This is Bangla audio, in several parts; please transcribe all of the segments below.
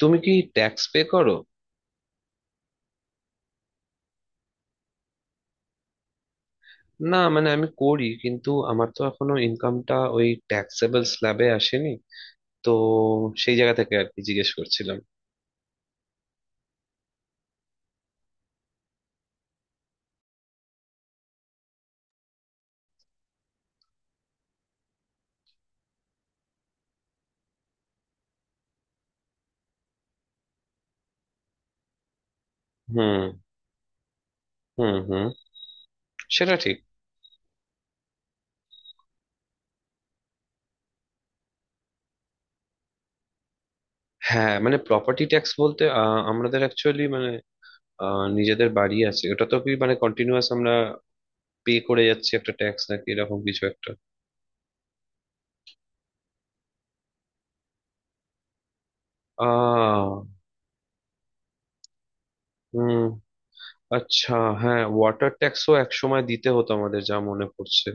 তুমি কি ট্যাক্স পে করো? না, মানে আমি করি কিন্তু আমার তো এখনো ইনকামটা ওই ট্যাক্সেবল স্ল্যাবে আসেনি। তো সেই জায়গা থেকে আর কি জিজ্ঞেস করছিলাম। হুম, হুম, হুম। সেটা ঠিক। হ্যাঁ, মানে প্রপার্টি ট্যাক্স বলতে আমাদের অ্যাকচুয়ালি মানে নিজেদের বাড়ি আছে, ওটা তো কি মানে কন্টিনিউয়াস আমরা পে করে যাচ্ছি একটা ট্যাক্স নাকি এরকম কিছু একটা। আহ হুম, আচ্ছা। হ্যাঁ, ওয়াটার ট্যাক্সও এক সময় দিতে হতো আমাদের যা মনে পড়ছে।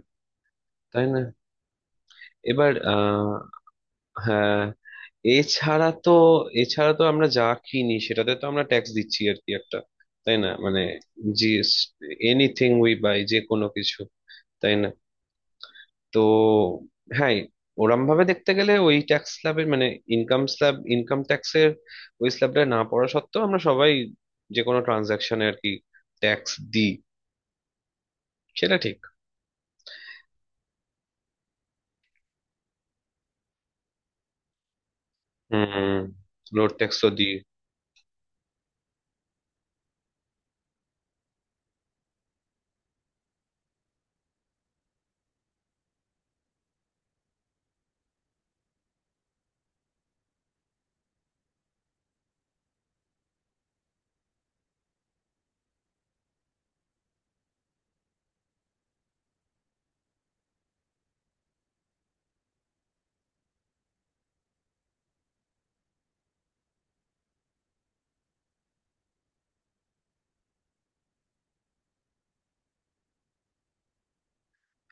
তাই না? এবার হ্যাঁ, এছাড়া তো আমরা যা কিনি সেটাতে তো আমরা ট্যাক্স দিচ্ছি আর কি একটা, তাই না? মানে জিএস, এনিথিং উই বাই, যে কোনো কিছু, তাই না? তো হ্যাঁ, ওরম ভাবে দেখতে গেলে ওই ট্যাক্স স্ল্যাবের মানে ইনকাম স্ল্যাব, ইনকাম ট্যাক্সের ওই স্ল্যাবটা না পড়া সত্ত্বেও আমরা সবাই যে কোনো ট্রানজাকশনে আর কি ট্যাক্স দিই। সেটা ঠিক। হুম, রোড ট্যাক্স তো দিই।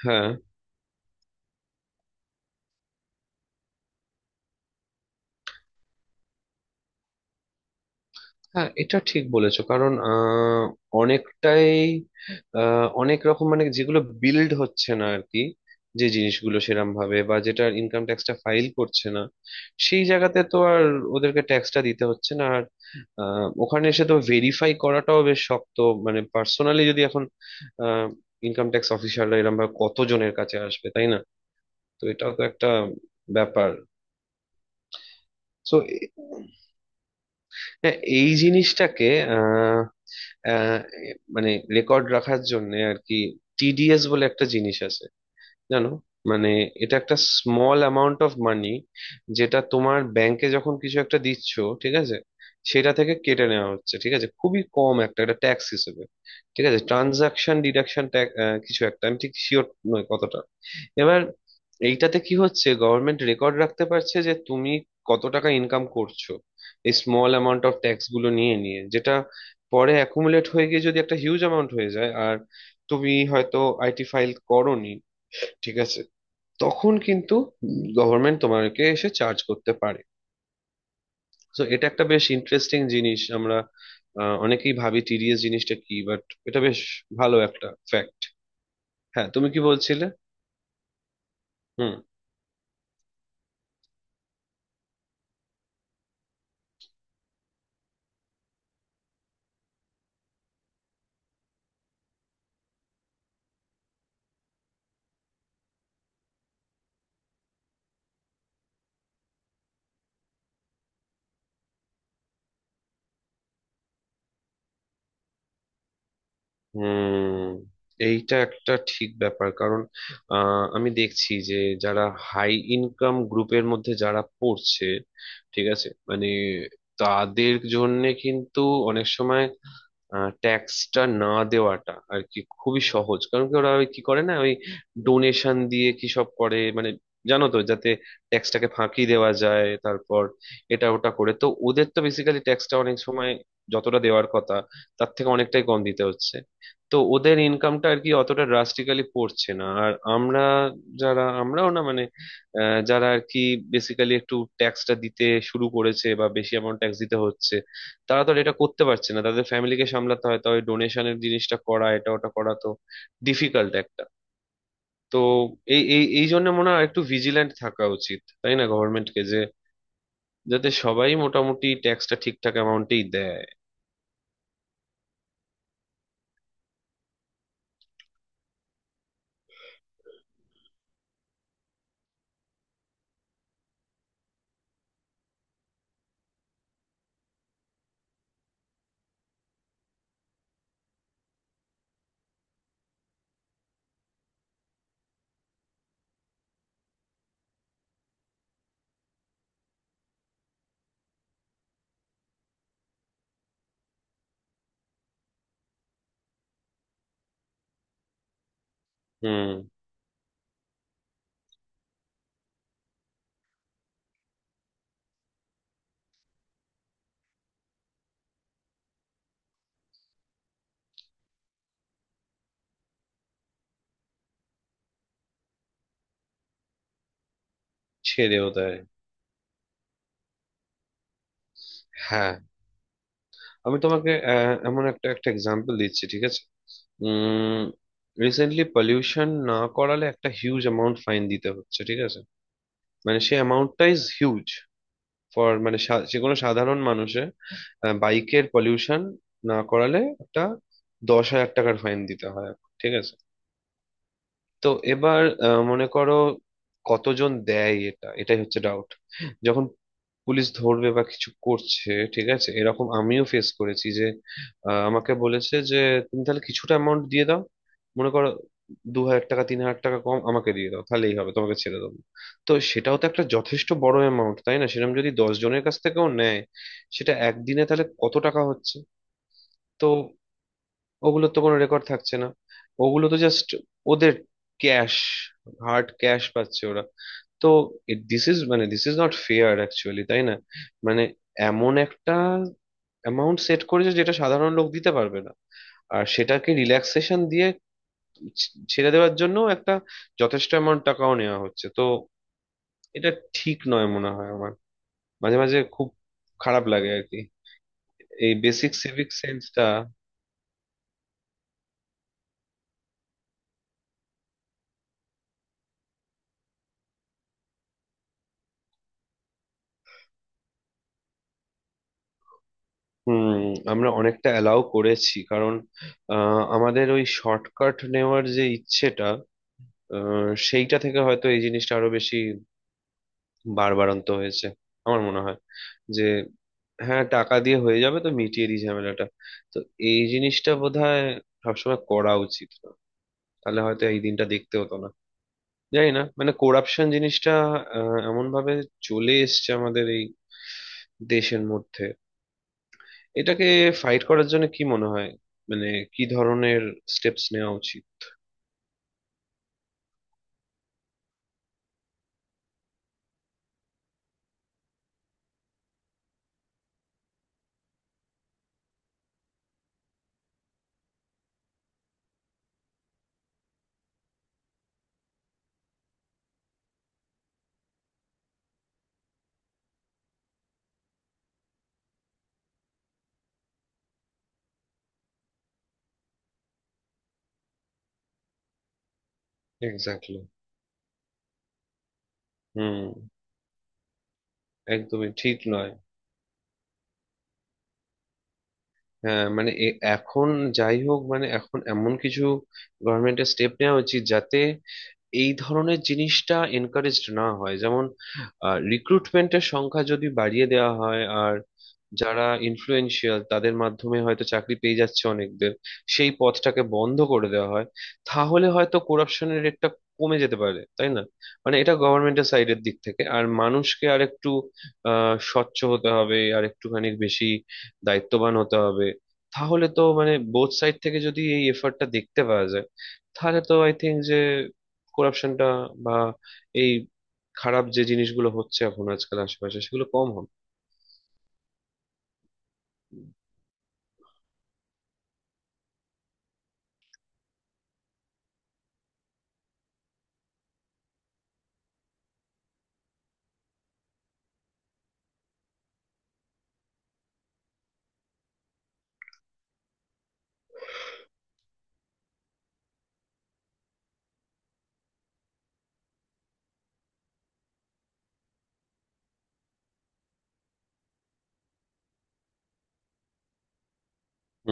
হ্যাঁ, হ্যাঁ, এটা ঠিক বলেছো, কারণ অনেকটাই অনেক রকম মানে যেগুলো বিল্ড হচ্ছে না আর কি, যে জিনিসগুলো সেরম ভাবে, বা যেটা ইনকাম ট্যাক্সটা ফাইল করছে না সেই জায়গাতে তো আর ওদেরকে ট্যাক্সটা দিতে হচ্ছে না, আর ওখানে এসে তো ভেরিফাই করাটাও বেশ শক্ত। মানে পার্সোনালি যদি এখন ইনকাম ট্যাক্স অফিসাররা এরম ভাবে কতজনের কাছে আসবে, তাই না? তো এটাও তো একটা ব্যাপার। তো এই জিনিসটাকে আহ, মানে রেকর্ড রাখার জন্য আর কি, টিডিএস বলে একটা জিনিস আছে, জানো? মানে এটা একটা স্মল অ্যামাউন্ট অফ মানি যেটা তোমার ব্যাংকে যখন কিছু একটা দিচ্ছ, ঠিক আছে, সেটা থেকে কেটে নেওয়া হচ্ছে, ঠিক আছে, খুবই কম একটা একটা ট্যাক্স হিসেবে, ঠিক আছে। ট্রানজাকশন ডিডাকশন ট্যাক্স কিছু একটা, আমি ঠিক শিওর নই কতটা। এবার এইটাতে কি হচ্ছে, গভর্নমেন্ট রেকর্ড রাখতে পারছে যে তুমি কত টাকা ইনকাম করছো, এই স্মল অ্যামাউন্ট অফ ট্যাক্স গুলো নিয়ে নিয়ে, যেটা পরে অ্যাকুমুলেট হয়ে গিয়ে যদি একটা হিউজ অ্যামাউন্ট হয়ে যায় আর তুমি হয়তো আইটি ফাইল করোনি, ঠিক আছে, তখন কিন্তু গভর্নমেন্ট তোমাকে এসে চার্জ করতে পারে। তো এটা একটা বেশ ইন্টারেস্টিং জিনিস, আমরা অনেকেই ভাবি টিডিএস জিনিসটা কি, বাট এটা বেশ ভালো একটা ফ্যাক্ট। হ্যাঁ, তুমি কি বলছিলে? হুম, হুম। এইটা একটা ঠিক ব্যাপার, কারণ আমি দেখছি যে যারা হাই ইনকাম গ্রুপের মধ্যে যারা পড়ছে, ঠিক আছে, মানে তাদের জন্য কিন্তু অনেক সময় ট্যাক্সটা না দেওয়াটা আর কি খুবই সহজ, কারণ কি ওরা ওই কি করে না ওই ডোনেশন দিয়ে কি সব করে মানে, জানো তো, যাতে ট্যাক্সটাকে ফাঁকি দেওয়া যায়, তারপর এটা ওটা করে, তো ওদের তো বেসিক্যালি ট্যাক্সটা অনেক সময় যতটা দেওয়ার কথা তার থেকে অনেকটাই কম দিতে হচ্ছে। তো ওদের ইনকামটা আর কি অতটা ড্রাস্টিক্যালি পড়ছে না, আর আমরা যারা, আমরাও না মানে যারা আর কি বেসিক্যালি একটু ট্যাক্সটা দিতে শুরু করেছে বা বেশি অ্যামাউন্ট ট্যাক্স দিতে হচ্ছে, তারা তো আর এটা করতে পারছে না, তাদের ফ্যামিলিকে সামলাতে হয়, তবে ডোনেশনের জিনিসটা করা, এটা ওটা করা তো ডিফিকাল্ট একটা। তো এই এই এই জন্য মনে হয় একটু ভিজিল্যান্ট থাকা উচিত, তাই না, গভর্নমেন্টকে, যে যাতে সবাই মোটামুটি ট্যাক্সটা ঠিকঠাক অ্যামাউন্টেই দেয়। হুম। ছেড়েও দেয়। হ্যাঁ, আমি তোমাকে এমন একটা একটা এক্সাম্পল দিচ্ছি, ঠিক আছে। উম রিসেন্টলি পলিউশন না করালে একটা হিউজ অ্যামাউন্ট ফাইন দিতে হচ্ছে, ঠিক আছে। মানে সেই অ্যামাউন্টটা ইজ হিউজ ফর মানে যে কোনো সাধারণ মানুষের বাইকের পলিউশন না করালে একটা 10,000 টাকার ফাইন দিতে হয়, ঠিক আছে। তো এবার মনে করো কতজন দেয়, এটাই হচ্ছে ডাউট। যখন পুলিশ ধরবে বা কিছু করছে, ঠিক আছে, এরকম আমিও ফেস করেছি যে আমাকে বলেছে যে তুমি তাহলে কিছুটা অ্যামাউন্ট দিয়ে দাও, মনে করো 2,000 টাকা, 3,000 টাকা কম আমাকে দিয়ে দাও, তাহলেই হবে, তোমাকে ছেড়ে দেবো। তো সেটাও তো একটা যথেষ্ট বড় অ্যামাউন্ট, তাই না? সেরকম যদি 10 জনের কাছ থেকেও নেয় সেটা একদিনে তাহলে কত টাকা হচ্ছে। তো ওগুলোর তো কোনো রেকর্ড থাকছে না, ওগুলো তো জাস্ট ওদের ক্যাশ, হার্ড ক্যাশ পাচ্ছে ওরা। তো দিস ইজ মানে this is not fair actually, তাই না? মানে এমন একটা অ্যামাউন্ট সেট করেছে যেটা সাধারণ লোক দিতে পারবে না, আর সেটাকে রিল্যাক্সেশন দিয়ে ছেড়ে দেওয়ার জন্য একটা যথেষ্ট অ্যামাউন্ট টাকাও নেওয়া হচ্ছে, তো এটা ঠিক নয় মনে হয় আমার, মাঝে মাঝে খুব খারাপ লাগে আর কি, এই বেসিক সিভিক সেন্সটা। হুম। আমরা অনেকটা অ্যালাউ করেছি, কারণ আমাদের ওই শর্টকাট নেওয়ার যে ইচ্ছেটা, সেইটা থেকে হয়তো এই জিনিসটা আরো বেশি বাড়বাড়ন্ত হয়েছে, আমার মনে হয়। যে হ্যাঁ, টাকা দিয়ে হয়ে যাবে তো মিটিয়ে দিই ঝামেলাটা। তো এই জিনিসটা বোধহয় সবসময় করা উচিত না, তাহলে হয়তো এই দিনটা দেখতে হতো না। জানি না, মানে করাপশন জিনিসটা এমন ভাবে চলে এসছে আমাদের এই দেশের মধ্যে, এটাকে ফাইট করার জন্য কি মনে হয় মানে কি ধরনের স্টেপস নেওয়া উচিত? এক্স্যাক্টলি। হুম। একদমই ঠিক নয়। হ্যাঁ, মানে এখন যাই হোক, মানে এখন এমন কিছু গভর্নমেন্টের স্টেপ নেওয়া উচিত যাতে এই ধরনের জিনিসটা এনকারেজড না হয়। যেমন রিক্রুটমেন্টের সংখ্যা যদি বাড়িয়ে দেওয়া হয়, আর যারা ইনফ্লুয়েন্সিয়াল তাদের মাধ্যমে হয়তো চাকরি পেয়ে যাচ্ছে অনেকদের, সেই পথটাকে বন্ধ করে দেওয়া হয়, তাহলে হয়তো করাপশনের রেটটা কমে যেতে পারে, তাই না? মানে এটা গভর্নমেন্টের সাইডের দিক থেকে, আর মানুষকে আরেকটু আহ, স্বচ্ছ হতে হবে আর একটুখানি বেশি দায়িত্ববান হতে হবে। তাহলে তো মানে বোথ সাইড থেকে যদি এই এফার্টটা দেখতে পাওয়া যায় তাহলে তো আই থিঙ্ক যে করাপশনটা বা এই খারাপ যে জিনিসগুলো হচ্ছে এখন আজকাল আশেপাশে সেগুলো কম হবে।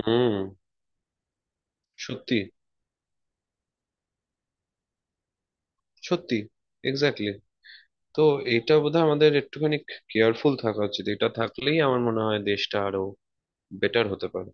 হুম। সত্যি, সত্যি, এক্স্যাক্টলি। তো এটা বোধহয় আমাদের একটুখানি কেয়ারফুল থাকা উচিত, এটা থাকলেই আমার মনে হয় দেশটা আরো বেটার হতে পারে।